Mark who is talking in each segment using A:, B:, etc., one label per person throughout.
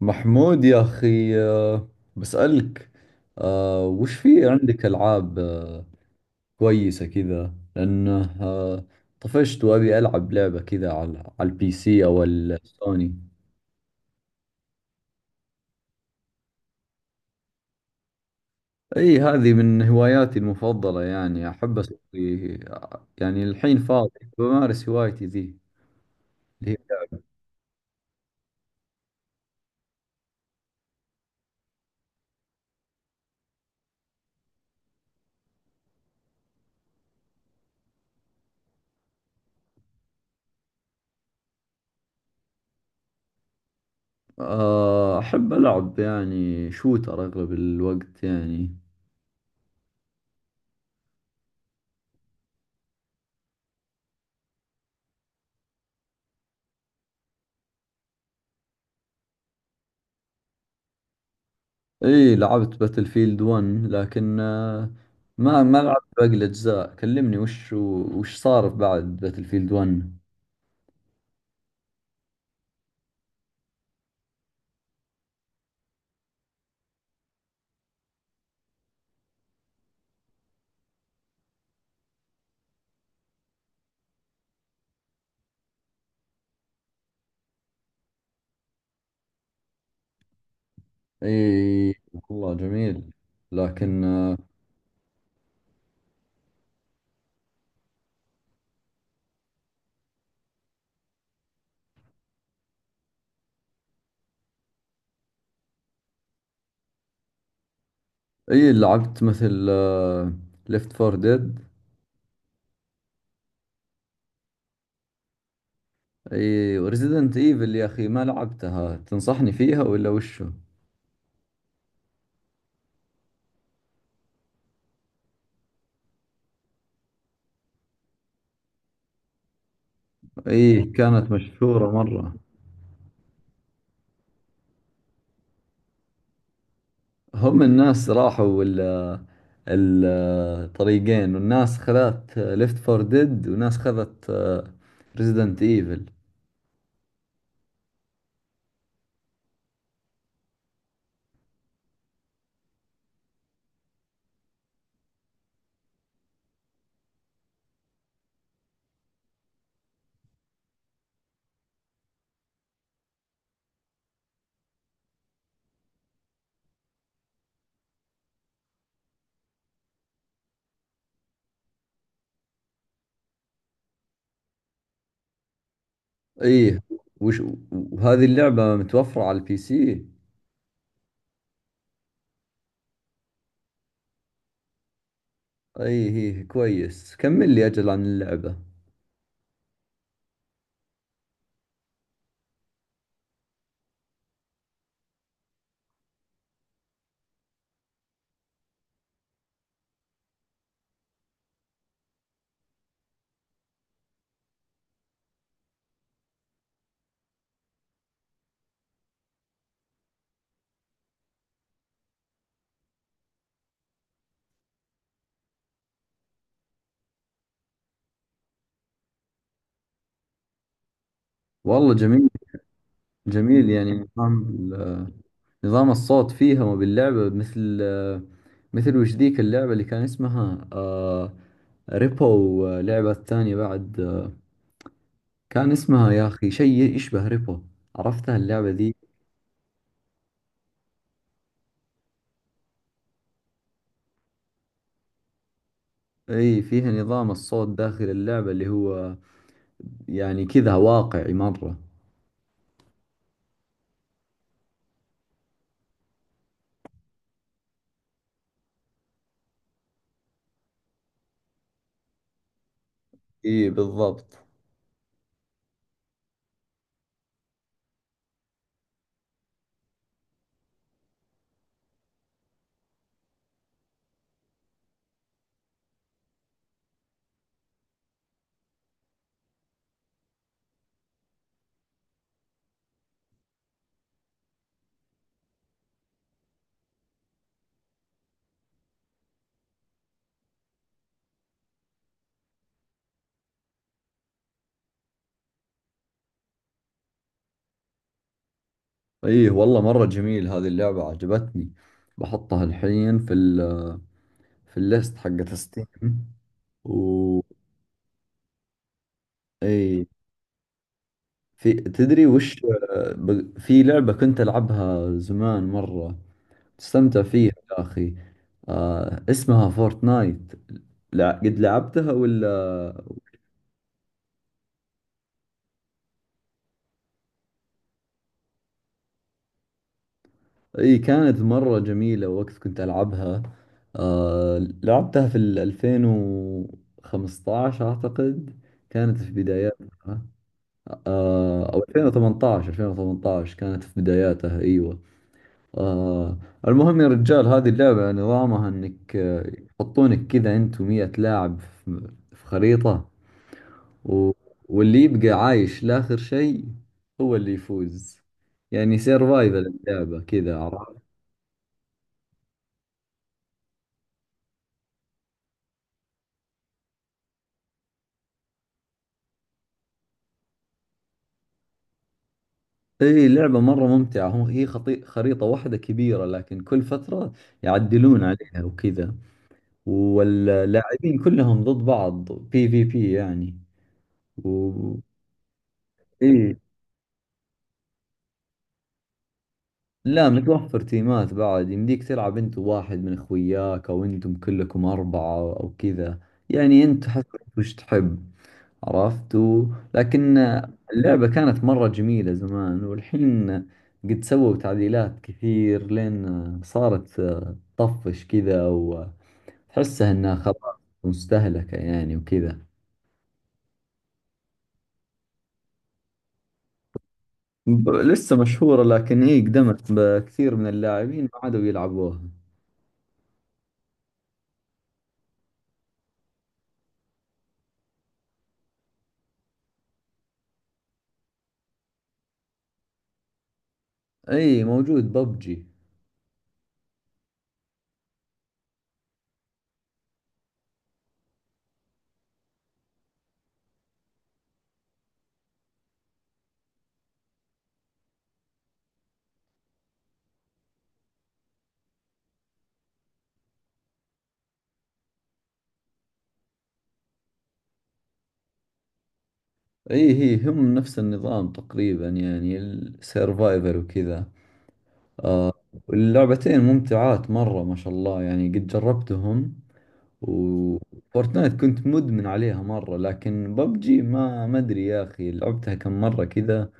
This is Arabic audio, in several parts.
A: محمود يا أخي بسألك وش في عندك ألعاب كويسة كذا لأنه طفشت وأبي ألعب لعبة كذا على البي سي أو السوني. أي هذه من هواياتي المفضلة، يعني أحب أسوي، يعني الحين فاضي بمارس هوايتي ذي اللي هي، أحب ألعب يعني شوتر أغلب الوقت يعني. اي لعبت باتل فيلد 1، لكن ما لعبت باقي الاجزاء. كلمني وش صار بعد باتل فيلد 1. اي والله جميل، لكن اي لعبت مثل ليفت فور ديد. اي وريزيدنت ايفل يا اخي، ما لعبتها، تنصحني فيها ولا وشو؟ اي كانت مشهورة مرة. هم الناس راحوا ال الطريقين، والناس خذت ليفت فور ديد وناس خذت ريزيدنت ايفل. ايه. وش وهذه اللعبة متوفرة على البي سي؟ ايه ايه كويس، كمل لي اجل عن اللعبة. والله جميل. جميل، يعني نظام ال- نظام الصوت فيها، وباللعبة مثل مثل وش ذيك اللعبة اللي كان اسمها آه ريبو، لعبة ثانية بعد كان اسمها يا أخي شيء يشبه ريبو، عرفتها اللعبة ذي؟ اي فيها نظام الصوت داخل اللعبة اللي هو يعني كذا واقعي مرة. اي بالضبط. اي والله مرة جميل هذه اللعبة، عجبتني، بحطها الحين في ال في الليست حقت ستيم. و اي، في تدري وش، ب- في لعبة كنت ألعبها زمان مرة، تستمتع فيها يا أخي، آه اسمها فورتنايت، لا قد لعبتها ولا؟ اي كانت مرة جميلة وقت كنت ألعبها. آه لعبتها في ال 2015 أعتقد، كانت في بداياتها. آه أو 2018، 2018 كانت في بداياتها، أيوة. آه المهم يا رجال هذه اللعبة نظامها إنك، يحطونك كذا أنت ومية لاعب في خريطة. و... واللي يبقى عايش لآخر شيء هو اللي يفوز. يعني سيرفايفل اللعبة كذا. اي لعبة مرة ممتعة، هم هي خريطة واحدة كبيرة، لكن كل فترة يعدلون عليها وكذا. واللاعبين كلهم ضد بعض، بي في بي يعني. و... اي لا متوفر تيمات، بعد يمديك تلعب انت وواحد من اخوياك او انتم كلكم اربعة او كذا. يعني انت حسب وش تحب، عرفت. و... لكن اللعبة كانت مرة جميلة زمان، والحين قد سووا تعديلات كثير لين صارت طفش كذا، وتحسها انها خلاص مستهلكة يعني وكذا. لسه مشهورة، لكن اي قدمت، بكثير من اللاعبين ما عادوا يلعبوها. اي موجود ببجي. اي هي هم نفس النظام تقريبا، يعني السيرفايفر وكذا. واللعبتين ممتعات مرة ما شاء الله يعني، قد جربتهم. وفورتنايت كنت مدمن عليها مرة، لكن ببجي ما أدري يا أخي، لعبتها كم مرة كذا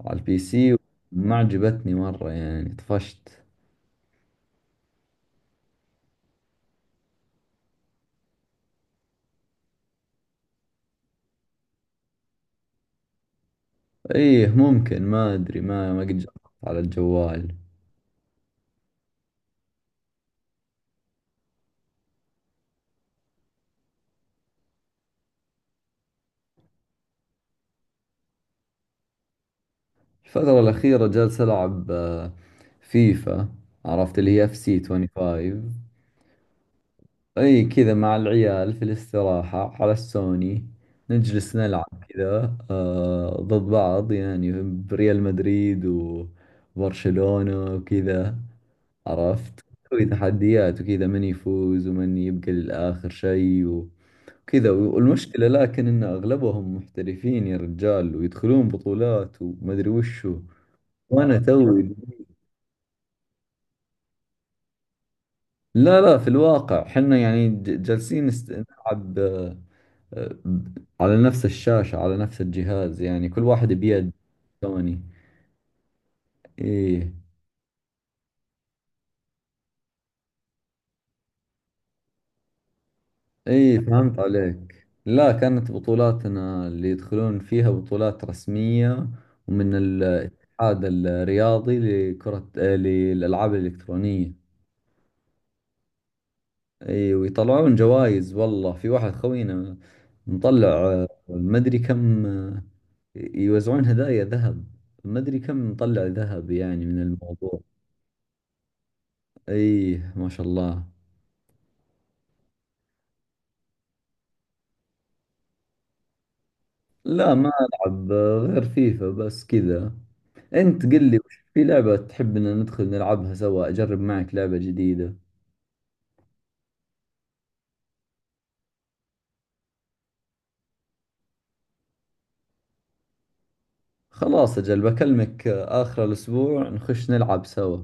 A: على البي سي، وما عجبتني مرة يعني، طفشت. إيه ممكن، ما أدري، ما قد جربت على الجوال. الفترة الأخيرة جالس ألعب فيفا، عرفت اللي هي اف سي 25. اي كذا مع العيال في الاستراحة على السوني، نجلس نلعب كذا آه ضد بعض، يعني بريال مدريد وبرشلونة وكذا، عرفت. نسوي تحديات وكذا، من يفوز ومن يبقى للآخر شيء وكذا. والمشكلة لكن إن أغلبهم محترفين يا رجال، ويدخلون بطولات ومدري وشو. وأنا توي، لا لا، في الواقع حنا يعني جالسين نلعب على نفس الشاشة على نفس الجهاز، يعني كل واحد بيد سوني. ايه. ايه فهمت عليك، لا كانت بطولاتنا اللي يدخلون فيها بطولات رسمية، ومن الاتحاد الرياضي لكرة للألعاب الإلكترونية. ايه ويطلعون جوائز، والله في واحد خوينا مطلع مدري كم يوزعون هدايا ذهب، مدري كم مطلع ذهب يعني من الموضوع. ايه ما شاء الله. لا ما ألعب غير فيفا بس كذا. أنت قل لي وش في لعبة تحبنا ندخل نلعبها سوا، أجرب معك لعبة جديدة. خلاص أجل بكلمك آخر الأسبوع نخش نلعب سوا.